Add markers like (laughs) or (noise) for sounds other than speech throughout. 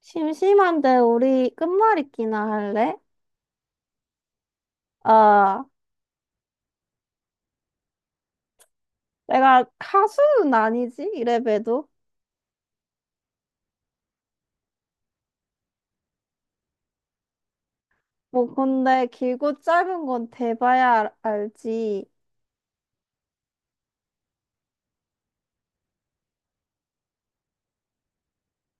심심한데 우리 끝말잇기나 할래? 아, 내가 가수는 아니지, 이래봬도. 뭐, 근데 길고 짧은 건 대봐야 알지.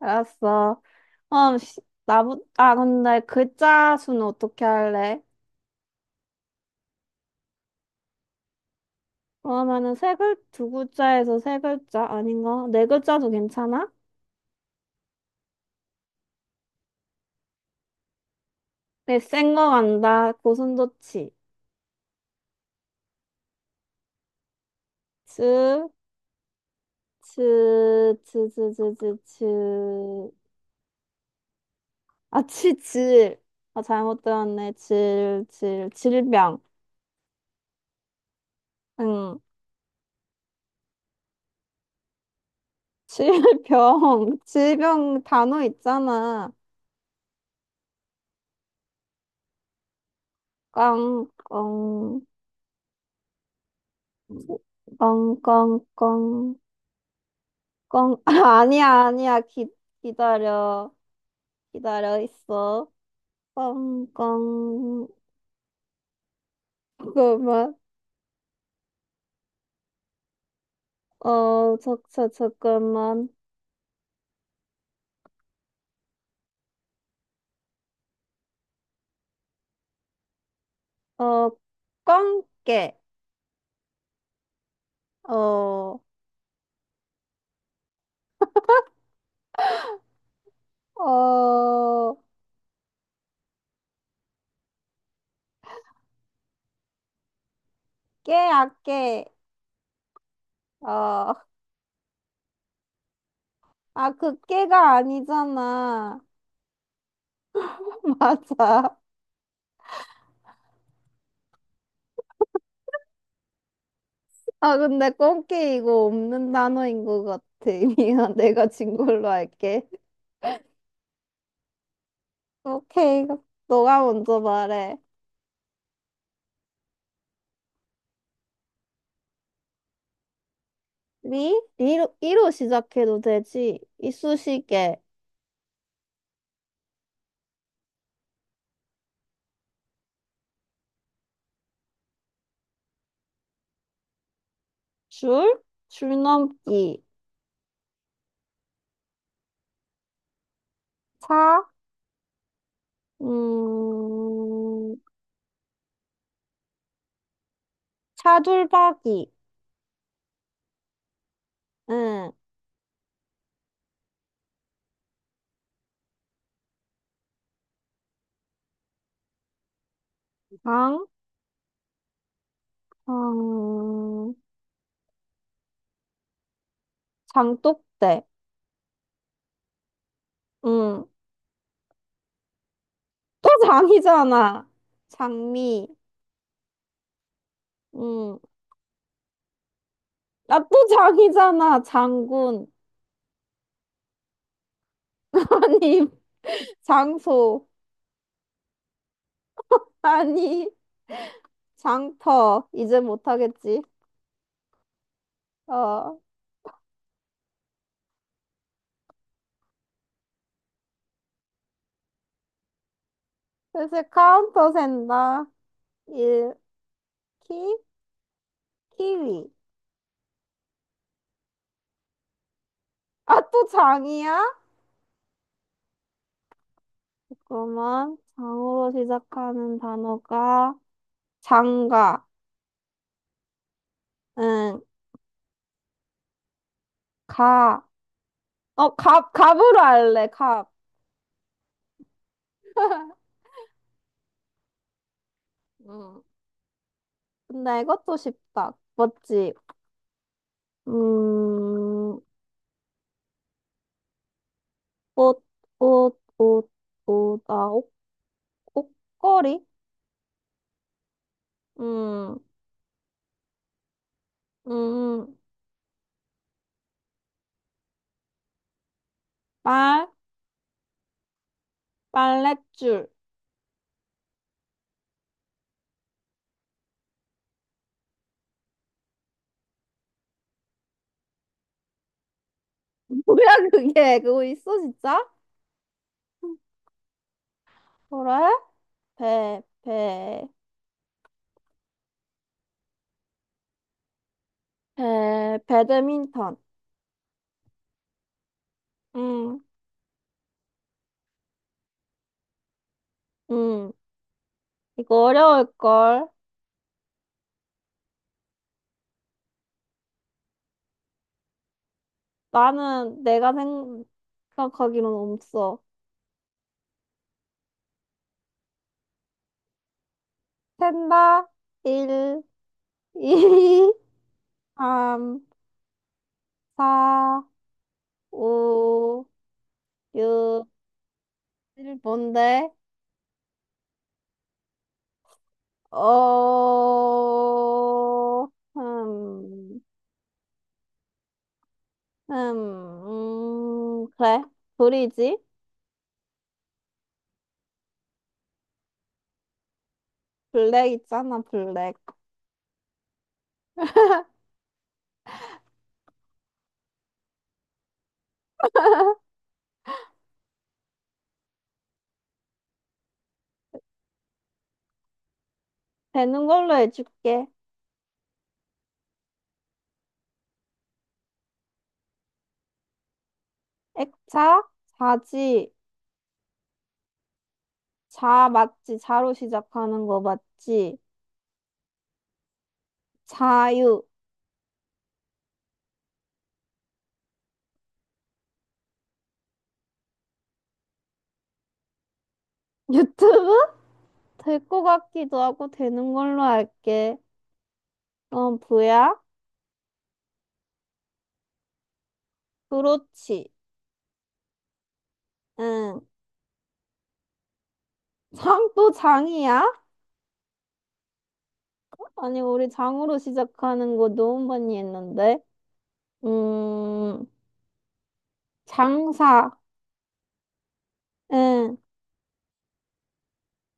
알았어. 어, 시- 나부, 아, 근데 글자 수는 어떻게 할래? 그러면은 두 글자에서 세 글자 아닌가? 네 글자도 괜찮아? 네, 센거 간다. 고슴도치. 즈, 즈, 즈. 아, 치, 질. 아, 잘못 들었네. 질병. 응. 질병. (laughs) 질병 단어 있잖아. 꽝, 꽝, 꽝, 꽝, 꽝, 꽝. 아, (laughs) 아니야. 기다려. 기다려 있어. 꽝. 잠깐만. 어, 저, 잠깐만. 어, 꽝깨. 어, 어, 깨. 어. 아, 그 깨가 아니잖아. (laughs) 맞아. 아, 근데 꽃게 이거 없는 단어인 것 같아. (laughs) 미안, 내가 진 걸로 할게. 오케이, 너가 먼저 말해. 리? 리로, 이로 시작해도 되지. 이쑤시개. 줄? 줄넘기. 차? 음, 차돌박이. 응. 장? 음, 장독대. 응. 또 장이잖아. 장미. 음. 아, 또 장이잖아. 장군. (laughs) 아니, 장소. 아니, 장터. 이제 못하겠지. 어. 슬슬 카운터 센다. 일, 키, 키위. 아, 또 장이야? 잠깐만. 장으로 시작하는 단어가 장가. 응, 가. 어, 갑으로 할래, 갑. (laughs) 음. 근데 이것도 쉽다. 맞지? 음. 옷, 옷, 옷, 옷, 아, 옷, 옷걸이? 음, 음, 빨, 빨랫줄. (laughs) 뭐야, 그게? 그거 있어, 진짜? 그래? 배, 배, 배드민턴. 음, 음, 이거 어려울걸? 나는 내가 생각하기로는 없어. 샌다, 1, 2, 3, 4, 5, 6, 일 이, 삼, 사, 오, 육, 칠, 뭔데? 어, 음, 그래. 불이지? 블랙 있잖아, 블랙. (laughs) 되는 걸로 해줄게. 액차, 자지, 자 맞지? 자로 시작하는 거 맞지? 자유, (laughs) 유튜브? 될 것 같기도 하고 되는 걸로 할게. 어, 부야? 그렇지. 응. 장 또 장이야? 아니, 우리 장으로 시작하는 거 너무 많이 했는데. 음, 장사, 응.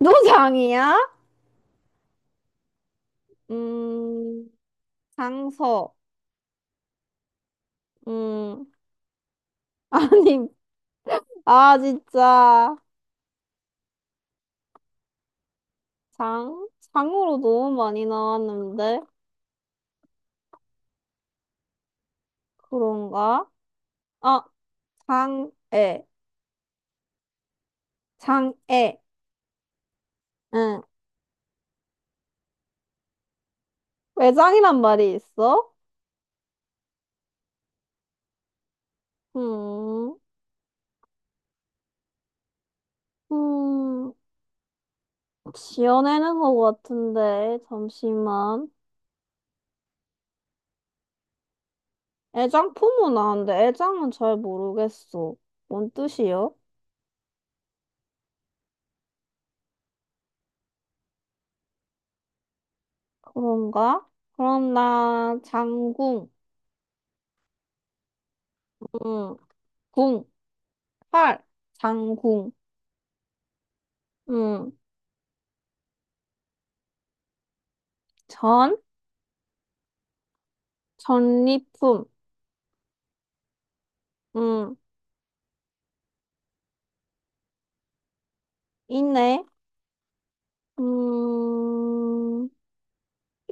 (laughs) 노장이야? 음, 장서, 음, (laughs) 아니, 아, 진짜. 장? 장으로 너무 많이 나왔는데? 그런가? 아, 장애, 장애, 응. 외장이란 말이 있어? 음, 음, 지어내는 것 같은데, 잠시만. 애장품은 아는데, 애장은 잘 모르겠어. 뭔 뜻이요? 그런가? 그럼 나 장궁, 음, 궁, 활, 장궁, 음, 전, 전리품, 음, 있네. 음,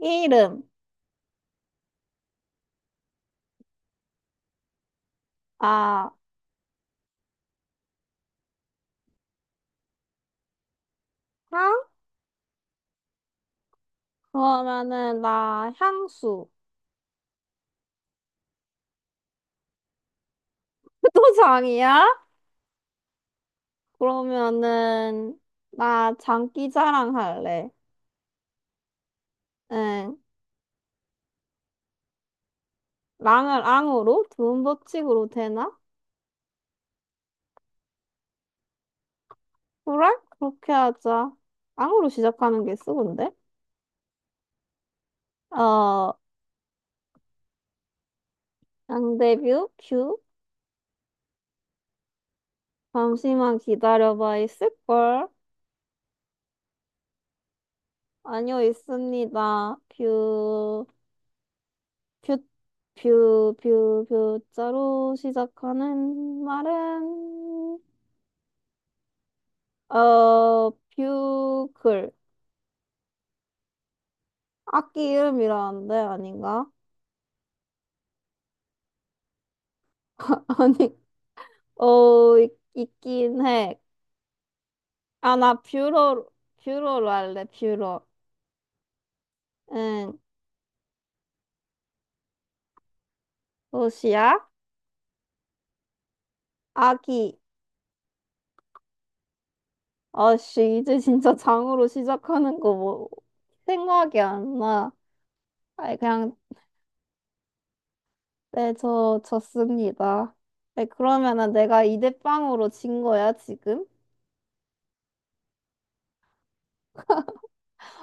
이름, 아, 향? 그러면은 나 향수. (laughs) 또 장이야? 그러면은 나 장기 자랑할래. 응, 랑을 앙으로, 두음 법칙으로 되나? 그래? 그렇게 하자. 앙으로 시작하는 게 쓰던데? 어, 양대뷰? 뷰? 잠시만 기다려봐, 있을걸? 아니요, 있습니다. 뷰, 뷰, 뷰, 뷰자로 시작하는 말은, 어, 뷰 글. 악기 이름이라는데, 아닌가? (laughs) 아니, 어, 있긴 해. 아, 나 뷰러, 뷰러로 할래, 뷰러. 응, 도시야? 아기. 아씨, 이제 진짜 장으로 시작하는 거 뭐, 생각이 안 나. 아이, 그냥, 네, 저, 졌습니다. 네, 그러면은 내가 이대빵으로진 거야, 지금?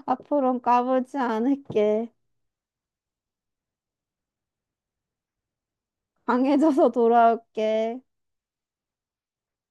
앞으로는 까불지 않을게. 강해져서 돌아올게.